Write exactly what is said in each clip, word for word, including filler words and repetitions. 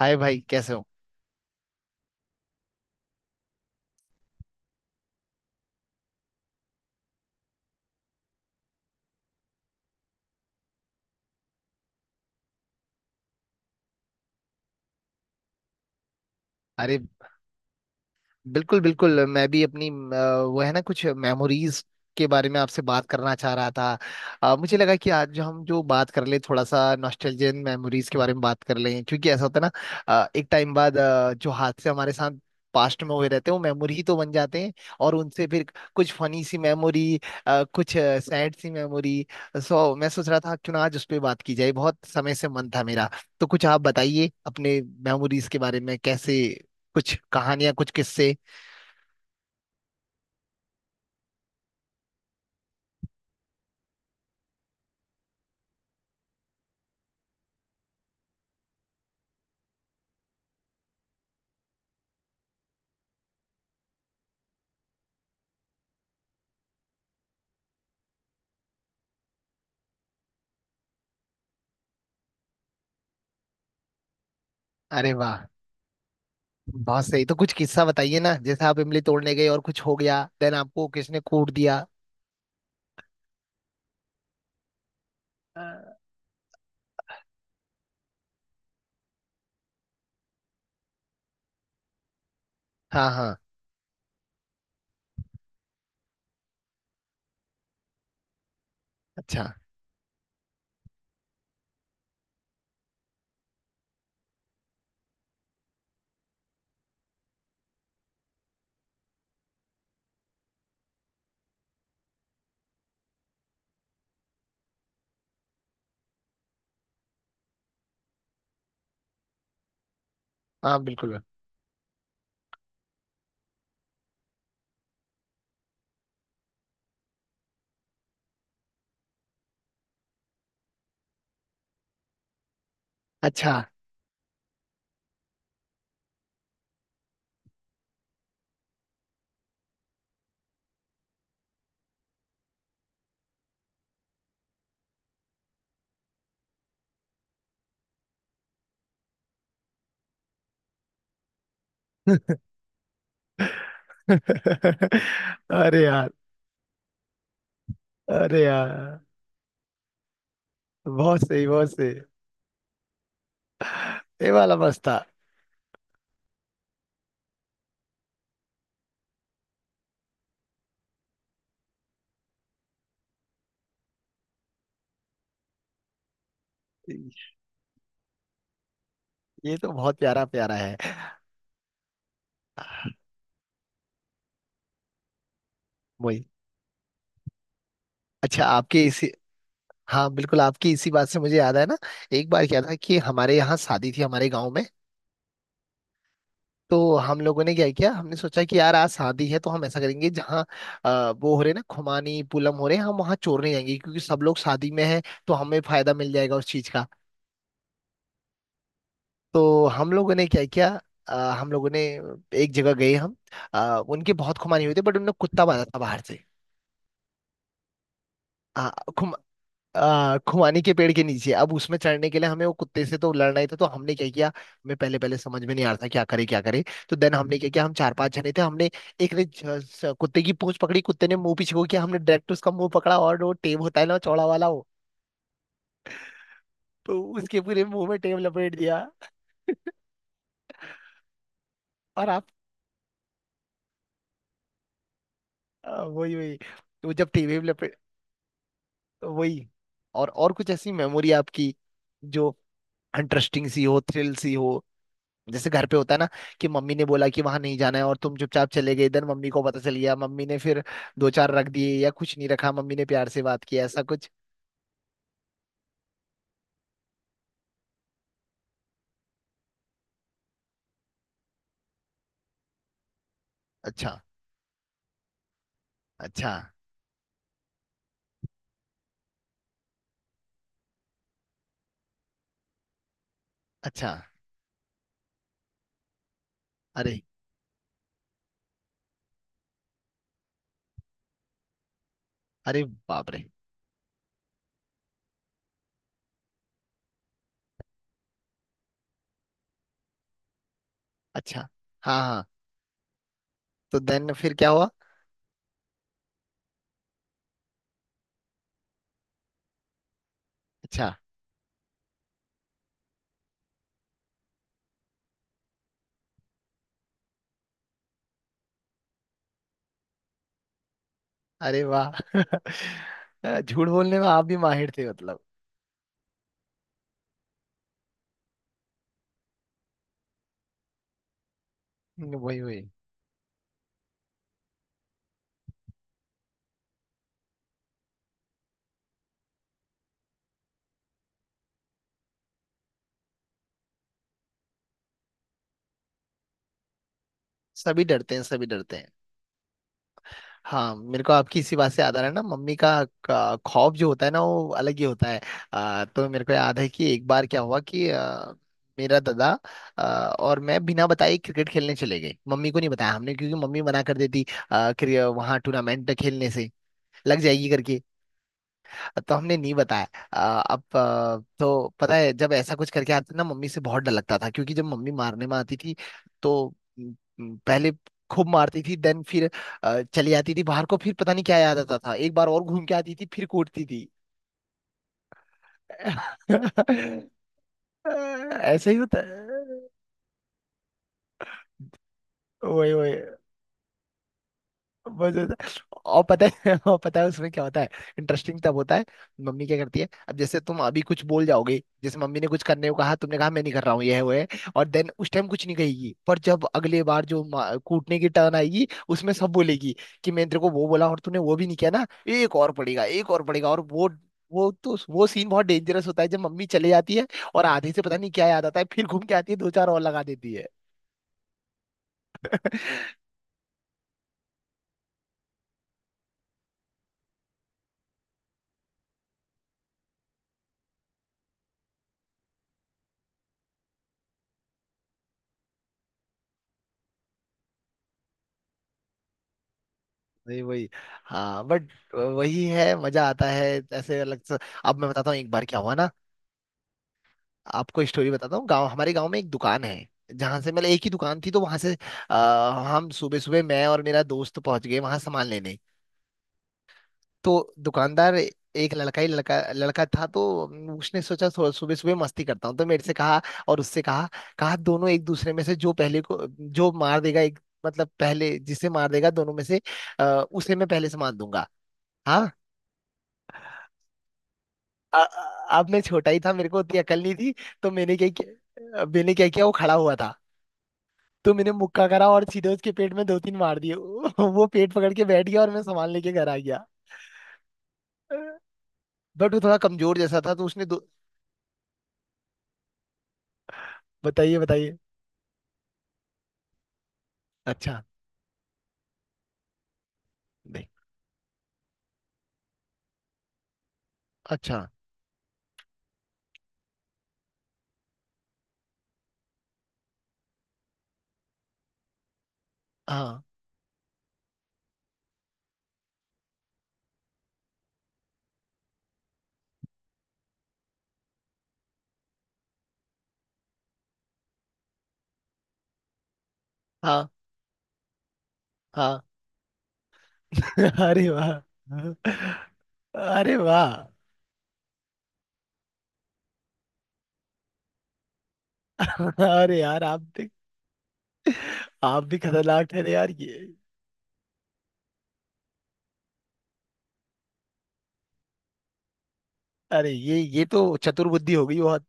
हाय भाई, कैसे हो। अरे बिल्कुल बिल्कुल, मैं भी अपनी अ, वो है ना कुछ मेमोरीज के बारे में आपसे बात करना चाह रहा था। अ, मुझे लगा कि आज जो हम जो बात कर ले, थोड़ा सा नॉस्टैल्जियन मेमोरीज के बारे में बात कर लें, क्योंकि ऐसा होता है ना। अ, एक टाइम बाद अ, जो हादसे हमारे साथ पास्ट में हुए रहते हैं वो मेमोरी ही तो बन जाते हैं, और उनसे फिर कुछ फनी सी मेमोरी, कुछ सैड सी मेमोरी। सो मैं सोच रहा था क्यों ना आज उस पर बात की जाए, बहुत समय से मन था मेरा। तो कुछ आप बताइए अपने मेमोरीज के बारे में, कैसे, कुछ कहानियां, कुछ किस्से। अरे वाह, बहुत सही। तो कुछ किस्सा बताइए ना, जैसे आप इमली तोड़ने गए और कुछ हो गया, देन आपको किसने कूट दिया। अ, हाँ हाँ। अच्छा। हाँ बिल्कुल। अच्छा। अरे यार। अरे यार, बहुत सही बहुत सही। ये वाला मस्त था। ये तो बहुत प्यारा प्यारा है। वही। अच्छा आपके इसी, हाँ बिल्कुल, आपकी इसी बात से मुझे याद है ना, एक बार क्या था कि हमारे यहाँ शादी थी, हमारे गाँव में। तो हम लोगों ने क्या किया, हमने सोचा कि यार आज शादी है तो हम ऐसा करेंगे जहाँ अ, वो हो रहे ना खुमानी पूनम हो रहे हैं, हम वहाँ चोरने जाएंगे क्योंकि सब लोग शादी में हैं, तो हमें फायदा मिल जाएगा उस चीज का। तो हम लोगों ने क्या किया, अ, हम लोगों ने एक जगह गए हम। अ, उनके बहुत खुमानी हुई थी, बट उनने कुत्ता बांधा था बाहर से। आ, खुमानी के पेड़ के नीचे, अब उसमें चढ़ने के लिए हमें वो कुत्ते से तो लड़ना ही था। तो हमने क्या किया, हमें पहले पहले समझ में नहीं आ रहा था क्या करे क्या करे। तो देन हमने क्या किया, हम चार पांच जने थे, हमने एक ने ज- स- कुत्ते की पूंछ पकड़ी, कुत्ते ने मुंह पीछे को किया, हमने डायरेक्ट उसका मुंह पकड़ा, और वो टेप होता है ना चौड़ा वाला वो, तो उसके पूरे मुंह में टेप लपेट दिया। और आप, आ, वही वही। तो जब टेप वेप लपेट। तो वही। और और कुछ ऐसी मेमोरी आपकी जो इंटरेस्टिंग सी हो, थ्रिल सी हो। जैसे घर पे होता है ना कि मम्मी ने बोला कि वहां नहीं जाना है, और तुम चुपचाप चले गए, इधर मम्मी को पता चल गया, मम्मी ने फिर दो चार रख दिए, या कुछ नहीं रखा, मम्मी ने प्यार से बात किया, ऐसा कुछ। अच्छा। अच्छा। अच्छा। अरे। अरे बाप रे। अच्छा। हाँ हाँ। तो देन फिर क्या हुआ। अच्छा। अरे वाह। झूठ बोलने में आप भी माहिर थे मतलब। वही वही। सभी डरते हैं सभी डरते हैं। हाँ मेरे को आपकी इसी बात से याद आ रहा है ना, मम्मी का का खौफ जो होता है ना, वो अलग ही होता है। आ, तो मेरे को याद है कि एक बार क्या हुआ कि आ, मेरा दादा आ, और मैं बिना बताए क्रिकेट खेलने चले गए, मम्मी को नहीं बताया हमने क्योंकि मम्मी मना कर देती। आ, वहां टूर्नामेंट खेलने से लग जाएगी करके। तो हमने नहीं बताया। अ, अब अ, तो पता है जब ऐसा कुछ करके आते ना, मम्मी से बहुत डर लगता था, क्योंकि जब मम्मी मारने में आती थी तो म, म, पहले खूब मारती थी, देन फिर अ, चली जाती थी बाहर को, फिर पता नहीं क्या याद आता था, एक बार और घूम के आती थी फिर कूटती थी। ऐसे ही होता है। वही वही। मजेदार। और पता है, और पता है उसमें क्या होता है, इंटरेस्टिंग तब होता है। मम्मी क्या करती है, अब जैसे तुम अभी कुछ बोल जाओगे, जैसे मम्मी ने कुछ करने को कहा, तुमने कहा मैं नहीं कर रहा हूँ, ये है वो है, और देन उस टाइम कुछ नहीं कहेगी, पर जब अगले बार जो मा- कूटने की टर्न आएगी, उसमें सब बोलेगी कि मैं तेरे को वो बोला और तूने वो भी नहीं किया ना, एक और पड़ेगा एक और पड़ेगा। और वो वो तो वो सीन बहुत डेंजरस होता है जब मम्मी चले जाती है, और आधे से पता नहीं क्या याद आता है, फिर घूम के आती है दो चार और लगा देती है। नहीं वही। हाँ बट वही है, मजा आता है ऐसे अलग से। अब मैं बताता हूँ एक बार क्या हुआ ना, आपको स्टोरी बताता हूँ। गांव, हमारे गांव में एक दुकान है जहां से, मतलब एक ही दुकान थी तो वहां से आ, हम सुबह सुबह, मैं और मेरा दोस्त पहुंच गए वहां सामान लेने। तो दुकानदार एक लड़का, ही लड़का लड़का था। तो उसने सोचा सुबह सुबह मस्ती करता हूँ, तो मेरे से कहा और उससे कहा, कहा दोनों एक दूसरे में से जो पहले को जो मार देगा एक, मतलब पहले जिसे मार देगा दोनों में से आ, उसे मैं पहले सामान दूंगा। हाँ? आ, आ- अब मैं छोटा ही था, मेरे को उतनी अकल नहीं थी। तो मैंने क्या किया मैंने क्या किया, वो खड़ा हुआ था, तो मैंने मुक्का करा और सीधे उसके पेट में दो तीन मार दिए। वो वो पेट पकड़ के बैठ गया और मैं सामान लेके घर आ गया। बट वो थोड़ा कमजोर जैसा था, तो उसने दो, बताइए बताइए। अच्छा। नहीं। अच्छा। हाँ हाँ हाँ। अरे वाह। अरे वाह। अरे यार आप भी, आप भी खतरनाक ठहरे यार ये। अरे ये ये तो चतुर बुद्धि हो गई बहुत।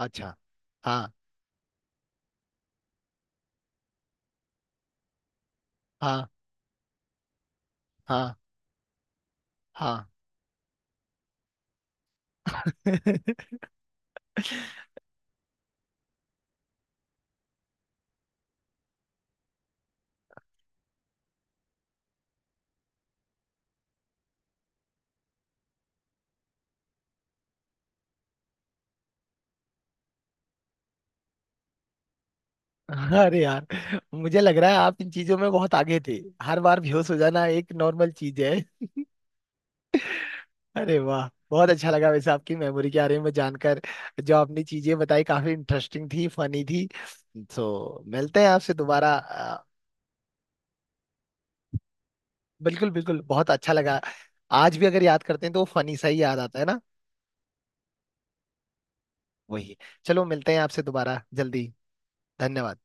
अच्छा। हाँ। हाँ हाँ हाँ। अरे यार, मुझे लग रहा है आप इन चीजों में बहुत आगे थे। हर बार बेहोश हो जाना एक नॉर्मल चीज है। अरे वाह बहुत अच्छा लगा, वैसे आपकी मेमोरी के बारे में जानकर। जो आपने चीजें बताई काफी इंटरेस्टिंग थी, फनी थी। तो मिलते हैं आपसे दोबारा। अ, बिल्कुल बिल्कुल, बहुत अच्छा लगा। आज भी अगर याद करते हैं तो फनी सा ही याद आता है ना। वही। चलो मिलते हैं आपसे दोबारा जल्दी। धन्यवाद।